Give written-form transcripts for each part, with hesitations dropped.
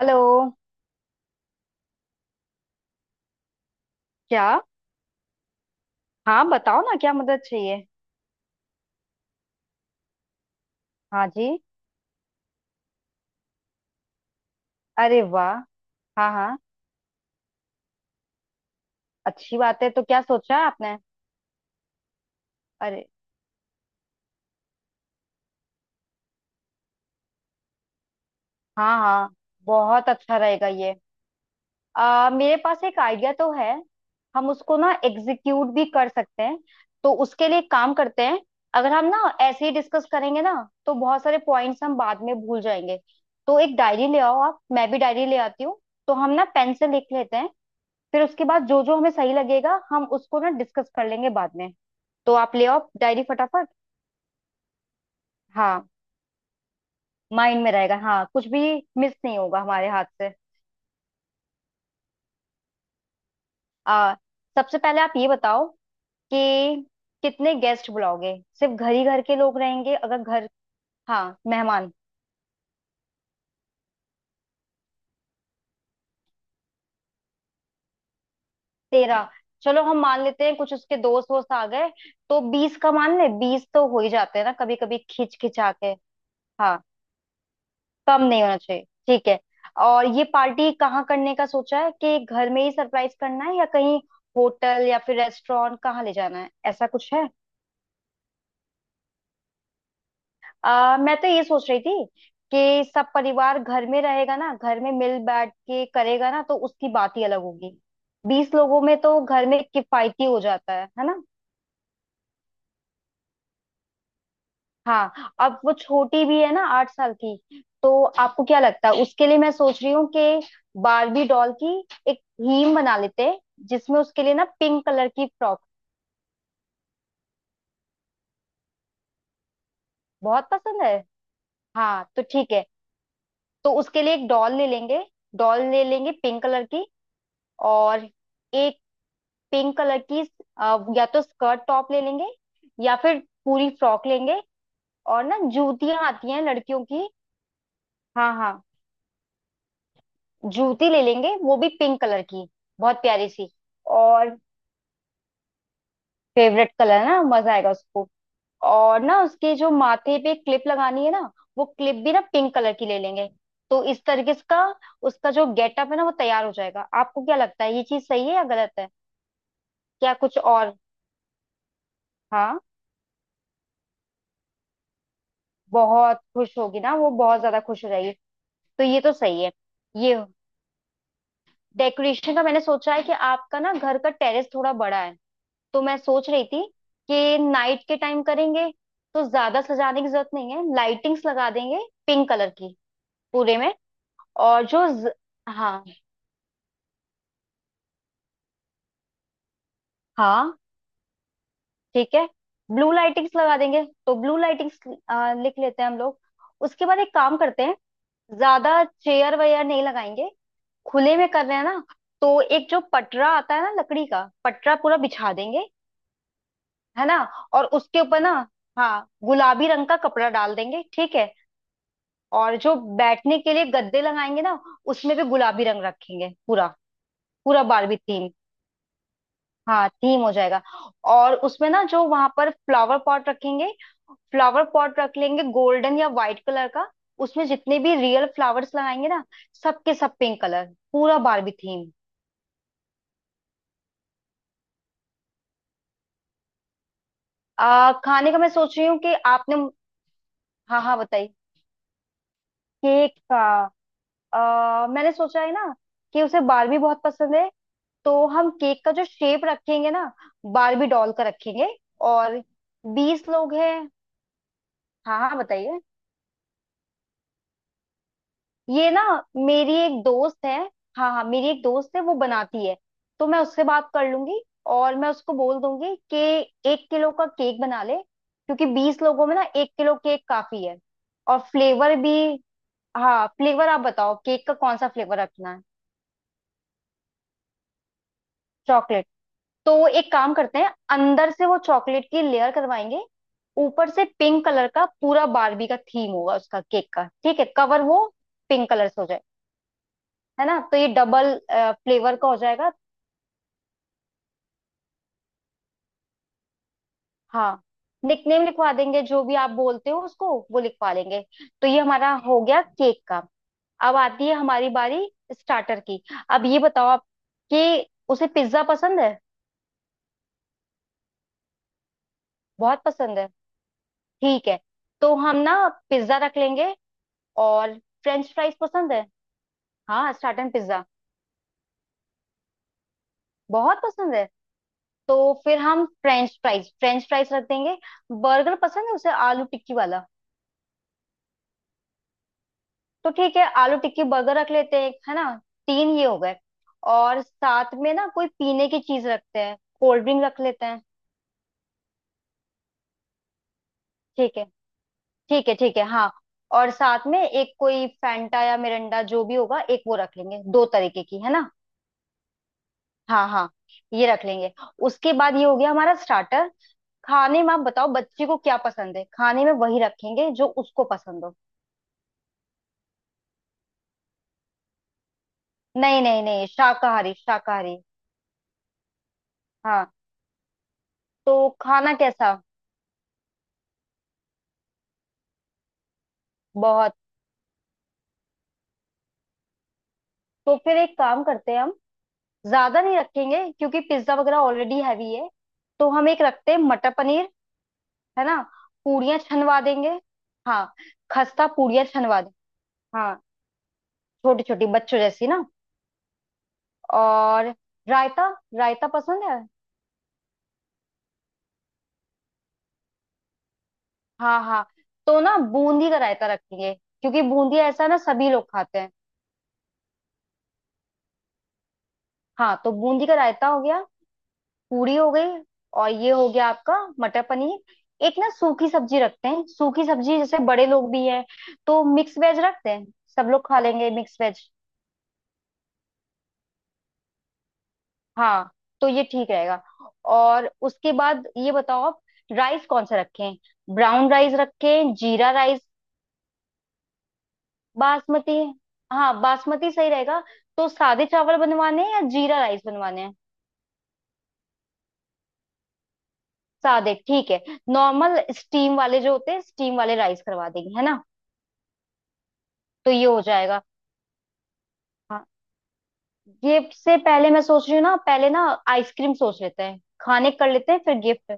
Hello. क्या? हाँ, बताओ ना, क्या मदद चाहिए? हाँ जी। अरे वाह! हाँ हाँ। अच्छी बात है, तो क्या सोचा है आपने? अरे! हाँ हाँ। बहुत अच्छा रहेगा ये। मेरे पास एक आइडिया तो है। हम उसको ना एग्जीक्यूट भी कर सकते हैं। तो उसके लिए एक काम करते हैं। अगर हम ना ऐसे ही डिस्कस करेंगे ना, तो बहुत सारे पॉइंट्स हम बाद में भूल जाएंगे। तो एक डायरी ले आओ आप, मैं भी डायरी ले आती हूँ। तो हम ना पेन से लिख लेते हैं। फिर उसके बाद जो जो हमें सही लगेगा, हम उसको ना डिस्कस कर लेंगे बाद में। तो आप ले आओ डायरी फटाफट। हाँ, माइंड में रहेगा। हाँ, कुछ भी मिस नहीं होगा हमारे हाथ से। आ, सबसे पहले आप ये बताओ कि कितने गेस्ट बुलाओगे। सिर्फ घर ही घर के लोग रहेंगे अगर घर। हाँ, मेहमान। 13? चलो हम मान लेते हैं कुछ उसके दोस्त वोस्त आ गए, तो 20 का मान ले, 20 तो हो ही जाते हैं ना कभी कभी खिंच खिंचा के। हाँ, कम नहीं होना चाहिए, ठीक है। और ये पार्टी कहाँ करने का सोचा है, कि घर में ही सरप्राइज करना है या कहीं होटल या फिर रेस्टोरेंट कहाँ ले जाना है, ऐसा कुछ है? मैं तो ये सोच रही थी कि सब परिवार घर में रहेगा ना, घर में मिल बैठ के करेगा ना, तो उसकी बात ही अलग होगी। बीस लोगों में तो घर में किफायती हो जाता है ना। हाँ, अब वो छोटी भी है ना, 8 साल की। तो आपको क्या लगता है, उसके लिए मैं सोच रही हूँ कि बारबी डॉल की एक थीम बना लेते हैं, जिसमें उसके लिए ना पिंक कलर की फ्रॉक। बहुत पसंद है। हाँ तो ठीक है। तो उसके लिए एक डॉल ले लेंगे, डॉल ले लेंगे पिंक कलर की। और एक पिंक कलर की या तो स्कर्ट टॉप ले लेंगे, या फिर पूरी फ्रॉक लेंगे। और ना जूतियां आती हैं लड़कियों की। हाँ हाँ, जूती ले लेंगे, वो भी पिंक कलर की, बहुत प्यारी सी। और फेवरेट कलर है ना, मजा आएगा उसको। और ना उसके जो माथे पे क्लिप लगानी है ना, वो क्लिप भी ना पिंक कलर की ले लेंगे। तो इस तरीके से का उसका जो गेटअप है ना, वो तैयार हो जाएगा। आपको क्या लगता है, ये चीज सही है या गलत है? क्या कुछ और? हाँ, बहुत खुश होगी ना वो, बहुत ज्यादा खुश हो जाएगी। तो ये तो सही है। ये डेकोरेशन का मैंने सोचा है कि आपका ना घर का टेरेस थोड़ा बड़ा है, तो मैं सोच रही थी कि नाइट के टाइम करेंगे। तो ज्यादा सजाने की जरूरत नहीं है, लाइटिंग्स लगा देंगे पिंक कलर की पूरे में। और जो ज... हाँ हाँ ठीक है, ब्लू लाइटिंग्स लगा देंगे, तो ब्लू लाइटिंग्स लिख लेते हैं हम लोग। उसके बाद एक काम करते हैं, ज्यादा चेयर वेयर नहीं लगाएंगे, खुले में कर रहे हैं ना। तो एक जो पटरा आता है ना, लकड़ी का पटरा पूरा बिछा देंगे, है ना। और उसके ऊपर ना, हाँ, गुलाबी रंग का कपड़ा डाल देंगे, ठीक है। और जो बैठने के लिए गद्दे लगाएंगे ना, उसमें भी गुलाबी रंग रखेंगे पूरा। पूरा बारबी थीम। हाँ, थीम हो जाएगा। और उसमें ना जो वहां पर फ्लावर पॉट रखेंगे, फ्लावर पॉट रख लेंगे गोल्डन या व्हाइट कलर का। उसमें जितने भी रियल फ्लावर्स लगाएंगे ना, सबके सब पिंक कलर, पूरा बारबी थीम। खाने का मैं सोच रही हूँ कि आपने। हाँ हाँ बताइए। केक का मैंने सोचा है ना कि उसे बारबी बहुत पसंद है, तो हम केक का जो शेप रखेंगे ना, बारबी डॉल का रखेंगे। और 20 लोग हैं। हाँ हाँ बताइए। ये ना, मेरी एक दोस्त है। हाँ हाँ, मेरी एक दोस्त है, वो बनाती है। तो मैं उससे बात कर लूंगी। और मैं उसको बोल दूंगी कि 1 किलो का केक बना ले, क्योंकि 20 लोगों में ना 1 किलो केक काफी है। और फ्लेवर भी। हाँ, फ्लेवर आप बताओ केक का, कौन सा फ्लेवर रखना है? चॉकलेट, तो एक काम करते हैं, अंदर से वो चॉकलेट की लेयर करवाएंगे। ऊपर से पिंक कलर का पूरा बारबी का थीम होगा उसका केक का, ठीक है। कवर वो पिंक कलर से हो जाए। है ना, तो ये डबल फ्लेवर का हो जाएगा। हाँ, निकनेम लिखवा देंगे, जो भी आप बोलते हो उसको वो लिखवा लेंगे। तो ये हमारा हो गया केक का। अब आती है हमारी बारी स्टार्टर की। अब ये बताओ आप कि उसे पिज्जा पसंद है। बहुत पसंद है, ठीक है। तो हम ना पिज्जा रख लेंगे। और फ्रेंच फ्राइज पसंद है। हाँ, स्टार्टर पिज्जा बहुत पसंद है। तो फिर हम फ्रेंच फ्राइज रख देंगे। बर्गर पसंद है उसे, आलू टिक्की वाला। तो ठीक है, आलू टिक्की बर्गर रख लेते हैं एक, है ना। तीन ये हो गए। और साथ में ना कोई पीने की चीज रखते हैं, कोल्ड ड्रिंक रख लेते हैं। ठीक है, ठीक है ठीक है, हाँ। और साथ में एक कोई फैंटा या मिरिंडा जो भी होगा, एक वो रख लेंगे, दो तरीके की, है ना। हाँ हाँ, ये रख लेंगे। उसके बाद ये हो गया हमारा स्टार्टर। खाने में आप बताओ बच्चे को क्या पसंद है, खाने में वही रखेंगे जो उसको पसंद हो। नहीं नहीं नहीं, शाकाहारी शाकाहारी, हाँ। तो खाना कैसा? बहुत। तो फिर एक काम करते हैं हम, ज्यादा नहीं रखेंगे क्योंकि पिज्जा वगैरह ऑलरेडी हैवी है। तो हम एक रखते हैं मटर पनीर, है ना। पूड़ियाँ छनवा देंगे। हाँ, खस्ता पूड़ियाँ छनवा दें। हाँ, छोटी छोटी बच्चों जैसी ना। और रायता, रायता पसंद है। हाँ हाँ, तो ना बूंदी का रायता रख लिए, क्योंकि बूंदी ऐसा ना सभी लोग खाते हैं। हाँ, तो बूंदी का रायता हो गया। पूरी हो गई, और ये हो गया आपका मटर पनीर। एक ना सूखी सब्जी रखते हैं, सूखी सब्जी जैसे, बड़े लोग भी हैं, तो मिक्स वेज रखते हैं। सब लोग खा लेंगे मिक्स वेज। हाँ, तो ये ठीक रहेगा। और उसके बाद ये बताओ आप, राइस कौन सा रखें? ब्राउन राइस रखें, जीरा राइस? बासमती, हाँ बासमती सही रहेगा। तो सादे चावल बनवाने हैं या जीरा राइस बनवाने हैं? सादे ठीक है। नॉर्मल स्टीम वाले जो होते हैं, स्टीम वाले राइस करवा देंगे, है ना। तो ये हो जाएगा। हाँ, ये से पहले मैं सोच रही हूँ ना, पहले ना आइसक्रीम सोच लेते हैं, खाने कर लेते हैं, फिर गिफ्ट।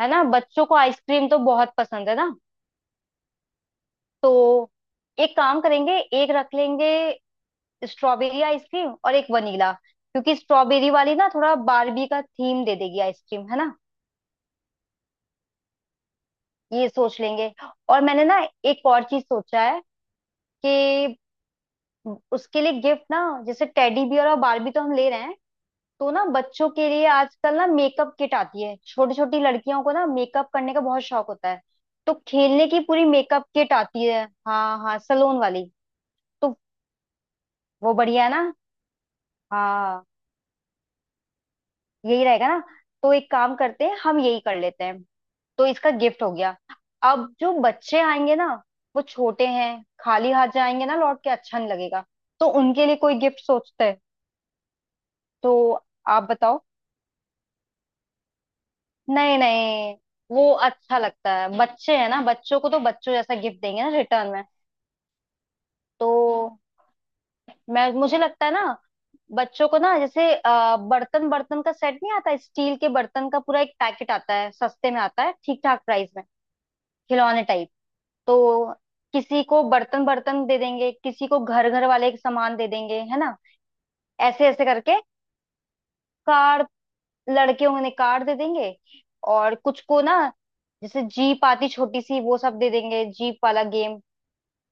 है ना, बच्चों को आइसक्रीम तो बहुत पसंद है ना। तो एक काम करेंगे, एक रख लेंगे स्ट्रॉबेरी आइसक्रीम और एक वनीला, क्योंकि स्ट्रॉबेरी वाली ना थोड़ा बारबी का थीम दे देगी आइसक्रीम, है ना। ये सोच लेंगे। और मैंने ना एक और चीज सोचा है, कि उसके लिए गिफ्ट ना, जैसे टेडी बियर और बारबी तो हम ले रहे हैं, तो ना बच्चों के लिए आजकल ना मेकअप किट आती है, छोटी छोटी लड़कियों को ना मेकअप करने का बहुत शौक होता है। तो खेलने की पूरी मेकअप किट आती है। हाँ हाँ, सलोन वाली। तो वो बढ़िया है ना। हाँ, यही रहेगा ना। तो एक काम करते हैं, हम यही कर लेते हैं। तो इसका गिफ्ट हो गया। अब जो बच्चे आएंगे ना, वो छोटे हैं, खाली हाथ जाएंगे ना, लौट के अच्छा नहीं लगेगा। तो उनके लिए कोई गिफ्ट सोचते हैं। तो आप बताओ। नहीं नहीं, वो अच्छा लगता है, बच्चे हैं ना, बच्चों को तो बच्चों जैसा गिफ्ट देंगे ना रिटर्न में। तो मैं, मुझे लगता है ना, बच्चों को ना, जैसे बर्तन बर्तन का सेट नहीं आता, स्टील के बर्तन का पूरा एक पैकेट आता है, सस्ते में आता है, ठीक ठाक प्राइस में। खिलौने टाइप। तो किसी को बर्तन बर्तन दे देंगे, किसी को घर घर वाले के सामान दे देंगे, है ना। ऐसे ऐसे करके। कार्ड, लड़के होंगे कार्ड दे देंगे। और कुछ को ना, जैसे जीप आती छोटी सी, वो सब दे देंगे, जीप वाला गेम।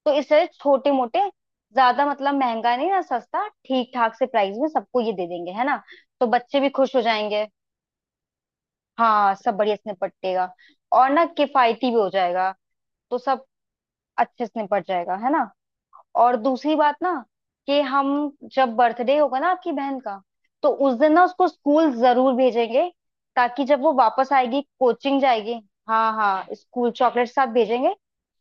तो इससे छोटे मोटे, ज्यादा मतलब महंगा नहीं ना, सस्ता ठीक ठाक से प्राइस में सबको ये दे देंगे, है ना। तो बच्चे भी खुश हो जाएंगे। हाँ, सब बढ़िया से निपटेगा, और ना किफायती भी हो जाएगा। तो सब अच्छे से निपट जाएगा, है ना। और दूसरी बात ना, कि हम जब बर्थडे होगा ना आपकी बहन का, तो उस दिन ना उसको स्कूल जरूर भेजेंगे, ताकि जब वो वापस आएगी कोचिंग जाएगी। हाँ हाँ, स्कूल चॉकलेट साथ भेजेंगे।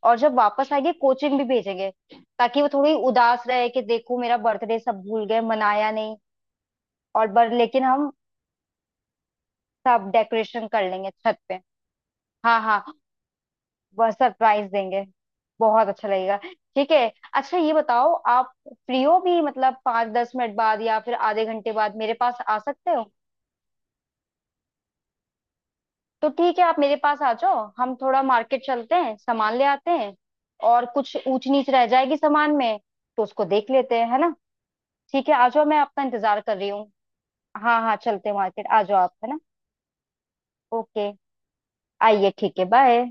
और जब वापस आएगी कोचिंग भी भेजेंगे, ताकि वो थोड़ी उदास रहे कि देखो मेरा बर्थडे सब भूल गए, मनाया नहीं। और बर लेकिन हम सब डेकोरेशन कर लेंगे छत पे। हाँ हाँ, वह सरप्राइज देंगे, बहुत अच्छा लगेगा। ठीक है। अच्छा ये बताओ आप फ्री हो भी, मतलब 5 10 मिनट बाद या फिर आधे घंटे बाद मेरे पास आ सकते हो? तो ठीक है, आप मेरे पास आ जाओ, हम थोड़ा मार्केट चलते हैं, सामान ले आते हैं। और कुछ ऊंच नीच रह जाएगी सामान में, तो उसको देख लेते हैं, है ना। ठीक है, आ जाओ, मैं आपका इंतजार कर रही हूँ। हाँ हाँ, चलते हैं मार्केट, आ जाओ आप, है ना। ओके, आइए, ठीक है, बाय।